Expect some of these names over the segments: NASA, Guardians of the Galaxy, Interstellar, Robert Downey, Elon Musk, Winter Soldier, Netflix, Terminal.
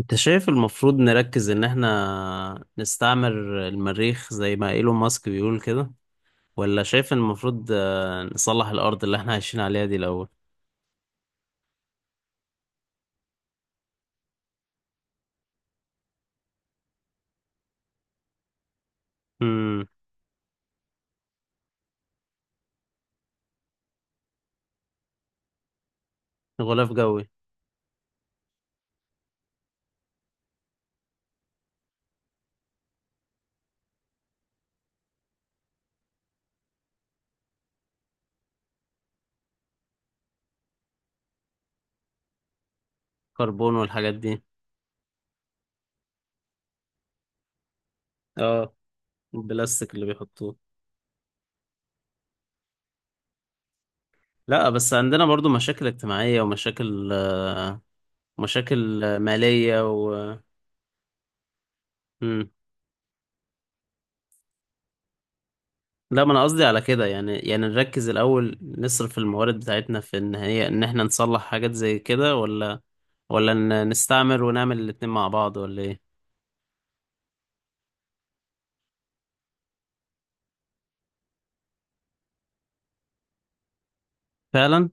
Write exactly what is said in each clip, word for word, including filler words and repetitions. انت شايف المفروض نركز ان احنا نستعمر المريخ زي ما ايلون ماسك بيقول كده، ولا شايف ان المفروض آه، نصلح الارض اللي احنا عايشين عليها دي الاول؟ امم. غلاف جوي. كربون والحاجات دي. اه. البلاستيك اللي بيحطوه. لا، بس عندنا برضو مشاكل اجتماعية، ومشاكل مشاكل مالية و... مم. لا، ما انا قصدي على كده، يعني يعني نركز الاول، نصرف الموارد بتاعتنا في ان هي ان احنا نصلح حاجات زي كده، ولا ولا ن- نستعمر ونعمل الاتنين مع بعض، ولا ايه؟ فعلا.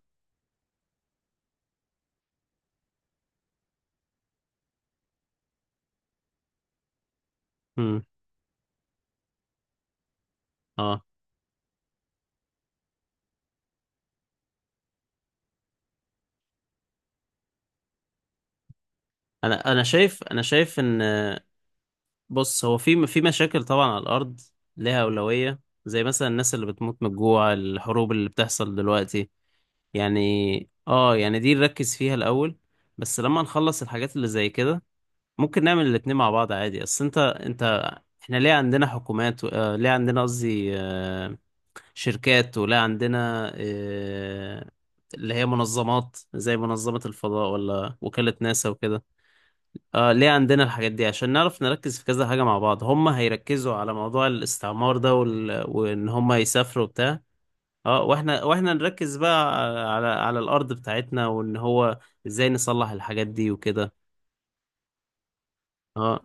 امم. اه، انا انا شايف انا شايف ان... بص، هو في في مشاكل طبعا على الارض، ليها اولويه، زي مثلا الناس اللي بتموت من الجوع، الحروب اللي بتحصل دلوقتي، يعني. اه، يعني دي نركز فيها الاول، بس لما نخلص الحاجات اللي زي كده، ممكن نعمل الاتنين مع بعض عادي. اصل انت انت احنا ليه عندنا حكومات و... آه، ليه عندنا قصدي آه، شركات، ولا عندنا آه، اللي هي منظمات زي منظمة الفضاء، ولا وكالة ناسا وكده. آه ليه عندنا الحاجات دي؟ عشان نعرف نركز في كذا حاجة مع بعض. هم هيركزوا على موضوع الاستعمار ده وال... وإن هم يسافروا بتاع. اه، واحنا واحنا نركز بقى على على الأرض بتاعتنا، وإن هو ازاي نصلح الحاجات دي وكده. اه.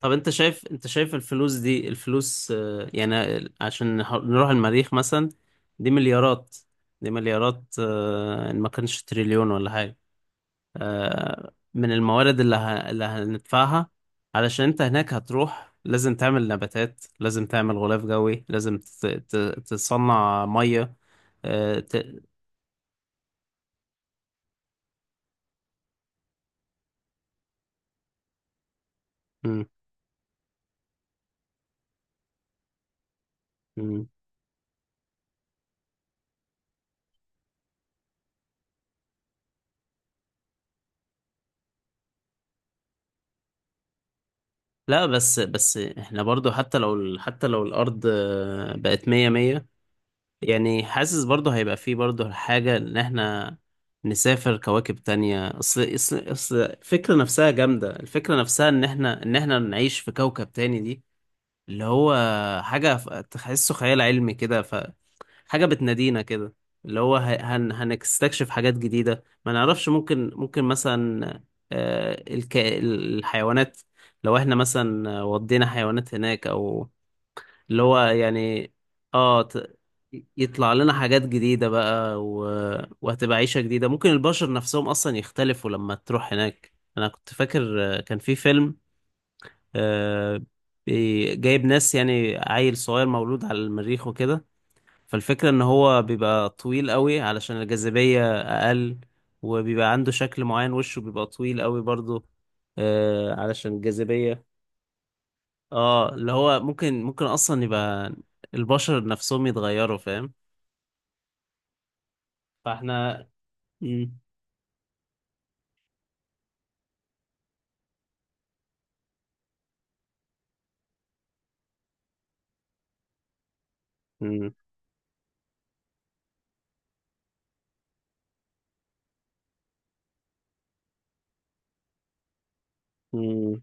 طب انت شايف انت شايف الفلوس دي، الفلوس آه، يعني عشان نح- نروح المريخ مثلا، دي مليارات، دي مليارات، آه، ان ما كانش تريليون ولا حاجة، آه، من الموارد اللي, ه... اللي هندفعها. علشان انت هناك هتروح، لازم تعمل نباتات، لازم تعمل غلاف جوي، لازم ت... ت... تصنع مية. آه، ت... مم، مم. لا، بس بس احنا برضو حتى لو ال- حتى لو الأرض آه، بقت مية مية، يعني حاسس برضه هيبقى فيه برضه حاجة إن إحنا نسافر كواكب تانية. أصل أصل أصل الفكرة نفسها جامدة، الفكرة نفسها إن إحنا إن إحنا نعيش في كوكب تاني دي، اللي هو حاجة ف- تحسه خيال علمي كده، فحاجة بتنادينا كده، اللي هو ه- هن هنستكشف حاجات جديدة ما نعرفش. ممكن ممكن مثلا آه، الك... الحيوانات، لو إحنا مثلا ودينا حيوانات هناك، أو اللي هو يعني... اه ت... يطلع لنا حاجات جديدة بقى، و... وهتبقى عيشة جديدة، ممكن البشر نفسهم أصلا يختلفوا لما تروح هناك. أنا كنت فاكر آه، كان في فيلم، آه، بي- جايب ناس، يعني عيل صغير مولود على المريخ وكده. فالفكرة إن هو بيبقى طويل قوي علشان الجاذبية أقل، وبيبقى عنده شكل معين، وشه بيبقى طويل قوي برضه، آه، علشان الجاذبية. اه، اللي هو ممكن ممكن اصلا يبقى البشر نفسهم يتغيروا، فاهم. فاحنا... مم. مم. مم.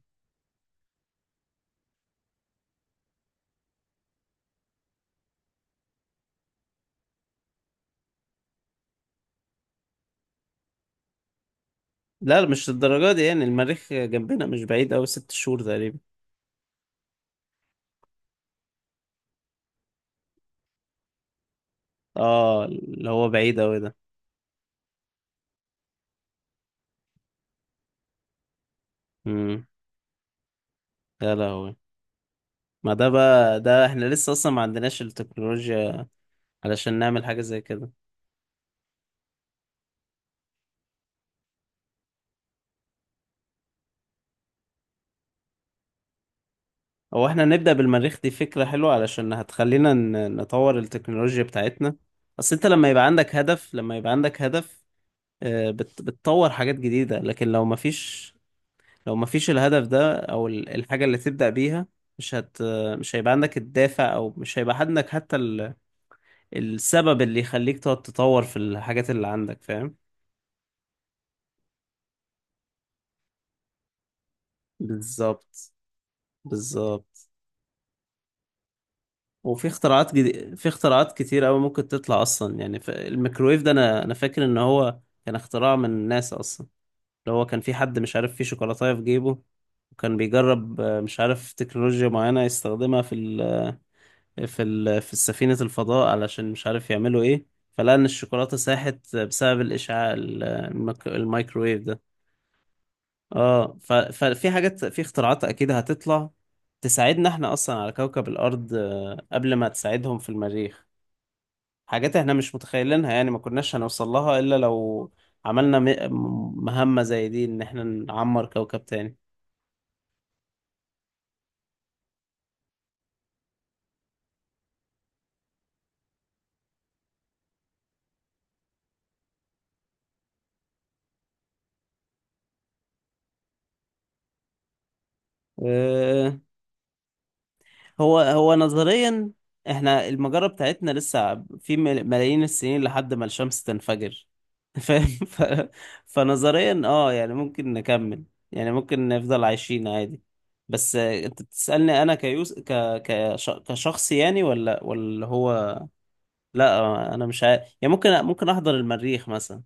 لا، مش للدرجة دي. يعني المريخ جنبنا، مش بعيد أوي، ست شهور تقريبا. اه، اللي هو بعيد أوي ده. مم. يا لهوي، ما ده بقى ده احنا لسه اصلا ما عندناش التكنولوجيا علشان نعمل حاجة زي كده. هو احنا نبدأ بالمريخ دي فكرة حلوة، علشان هتخلينا ن- نطور التكنولوجيا بتاعتنا. اصل انت لما يبقى عندك هدف لما يبقى عندك هدف آه، بت- بتطور حاجات جديدة. لكن لو مفيش، لو مفيش الهدف ده، أو ال- الحاجة اللي تبدأ بيها، مش هت مش هيبقى عندك الدافع، أو مش هيبقى عندك حتى ال... السبب اللي يخليك تقعد تطور في الحاجات اللي عندك، فاهم. بالظبط، بالظبط. وفي اختراعات جديد... في اختراعات كتير أوي ممكن تطلع أصلا يعني، ف... الميكرويف ده، أنا أنا فاكر إن هو كان اختراع من ناس أصلا. اللي هو كان في حد مش عارف فيه شوكولاتاية في جيبه، وكان بيجرب آه، مش عارف تكنولوجيا معينة يستخدمها في ال... في ال... في سفينة الفضاء، علشان مش عارف يعملوا ايه، فلقى ان الشوكولاتة ساحت بسبب الاشعاع ال- المك... الميكروويف ده. اه، ف... ففي حاجات، في اختراعات اكيد هتطلع تساعدنا احنا اصلا على كوكب الارض، آه، قبل ما تساعدهم في المريخ. حاجات احنا مش متخيلينها، يعني ما كناش هنوصل لها الا لو عملنا م... مهمة زي دي، ان احنا نعمر كوكب تاني. آه، هو هو نظريا احنا المجرة بتاعتنا لسه في مل- ملايين السنين لحد ما الشمس تنفجر. فاهم، ف... فنظريا اه، يعني ممكن نكمل، يعني ممكن نفضل عايشين عادي. بس آه، انت بتسألني انا كيوس ك... كش... كشخص يعني، ولا ولا هو، لا آه، انا مش عارف. يعني ممكن ممكن احضر المريخ مثلا.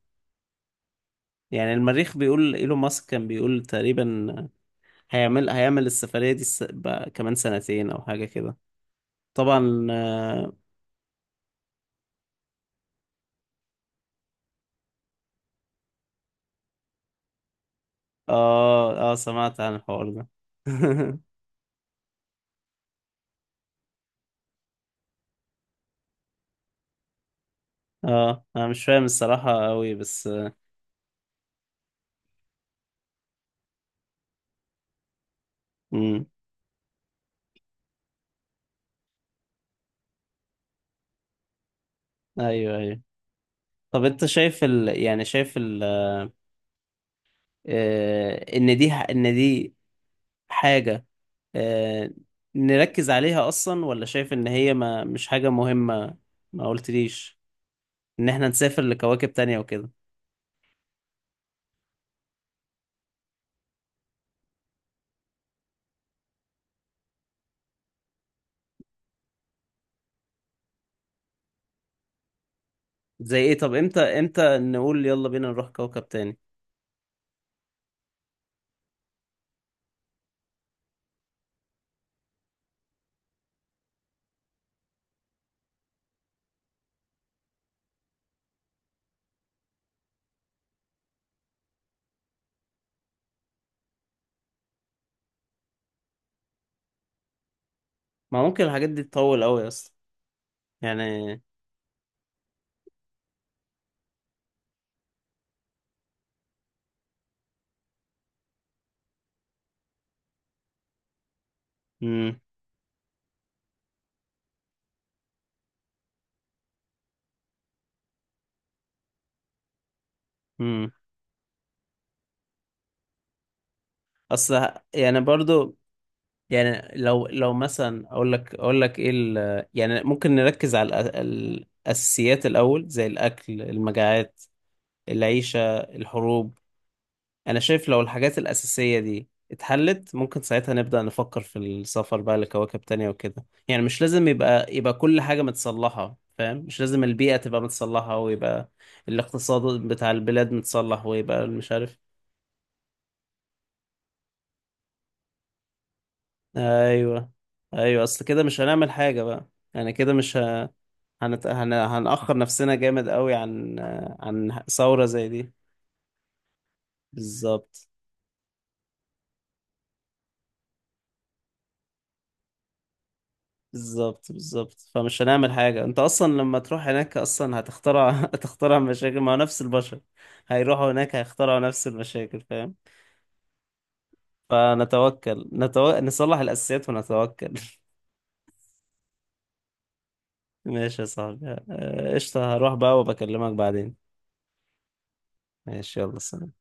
يعني المريخ، بيقول ايلون ماسك كان بيقول تقريبا هيعمل هيعمل السفرية دي الس... بقى كمان سنتين او حاجة كده. طبعا. اه، اه، سمعت عن الحوار ده. اه، انا مش فاهم الصراحة قوي بس. امم. ايوه، ايوه. طب انت شايف ال... يعني شايف ال... آه... ان دي ح... ان دي حاجة آه... نركز عليها اصلا، ولا شايف ان هي ما مش حاجة مهمة؟ ما قلتليش ان احنا نسافر لكواكب تانية وكده، زي ايه. طب امتى امتى نقول يلا بينا نروح كوكب تاني؟ ما ممكن الحاجات دي تطول قوي اصلا، يعني. امم، امم. اصل ه- يعني برضو، يعني لو لو مثلا اقول لك اقول لك ايه، ال- يعني ممكن نركز على الأ- الاساسيات الاول، زي الاكل، المجاعات، العيشه، الحروب. انا شايف لو الحاجات الاساسيه دي اتحلت، ممكن ساعتها نبدا نفكر في السفر بقى لكواكب تانية وكده، يعني مش لازم يبقى يبقى كل حاجه متصلحه، فاهم. مش لازم البيئه تبقى متصلحه ويبقى الاقتصاد بتاع البلاد متصلح، ويبقى مش عارف. ايوه، ايوه. اصل كده مش هنعمل حاجه بقى، يعني كده مش ه... هنت... هن... هنأخر نفسنا جامد قوي عن عن ثورة زي دي، بالظبط، بالظبط، بالظبط. فمش هنعمل حاجة. انت اصلا لما تروح هناك اصلا هتخترع هتخترع مشاكل، ما هو نفس البشر هيروحوا هناك هيخترعوا نفس المشاكل، فاهم. فنتوكل، نتو... نصلح الأساسيات ونتوكل ماشي يا صاحبي، آه، قشطة، هروح بقى وبكلمك بعدين. ماشي، يلا، سلام.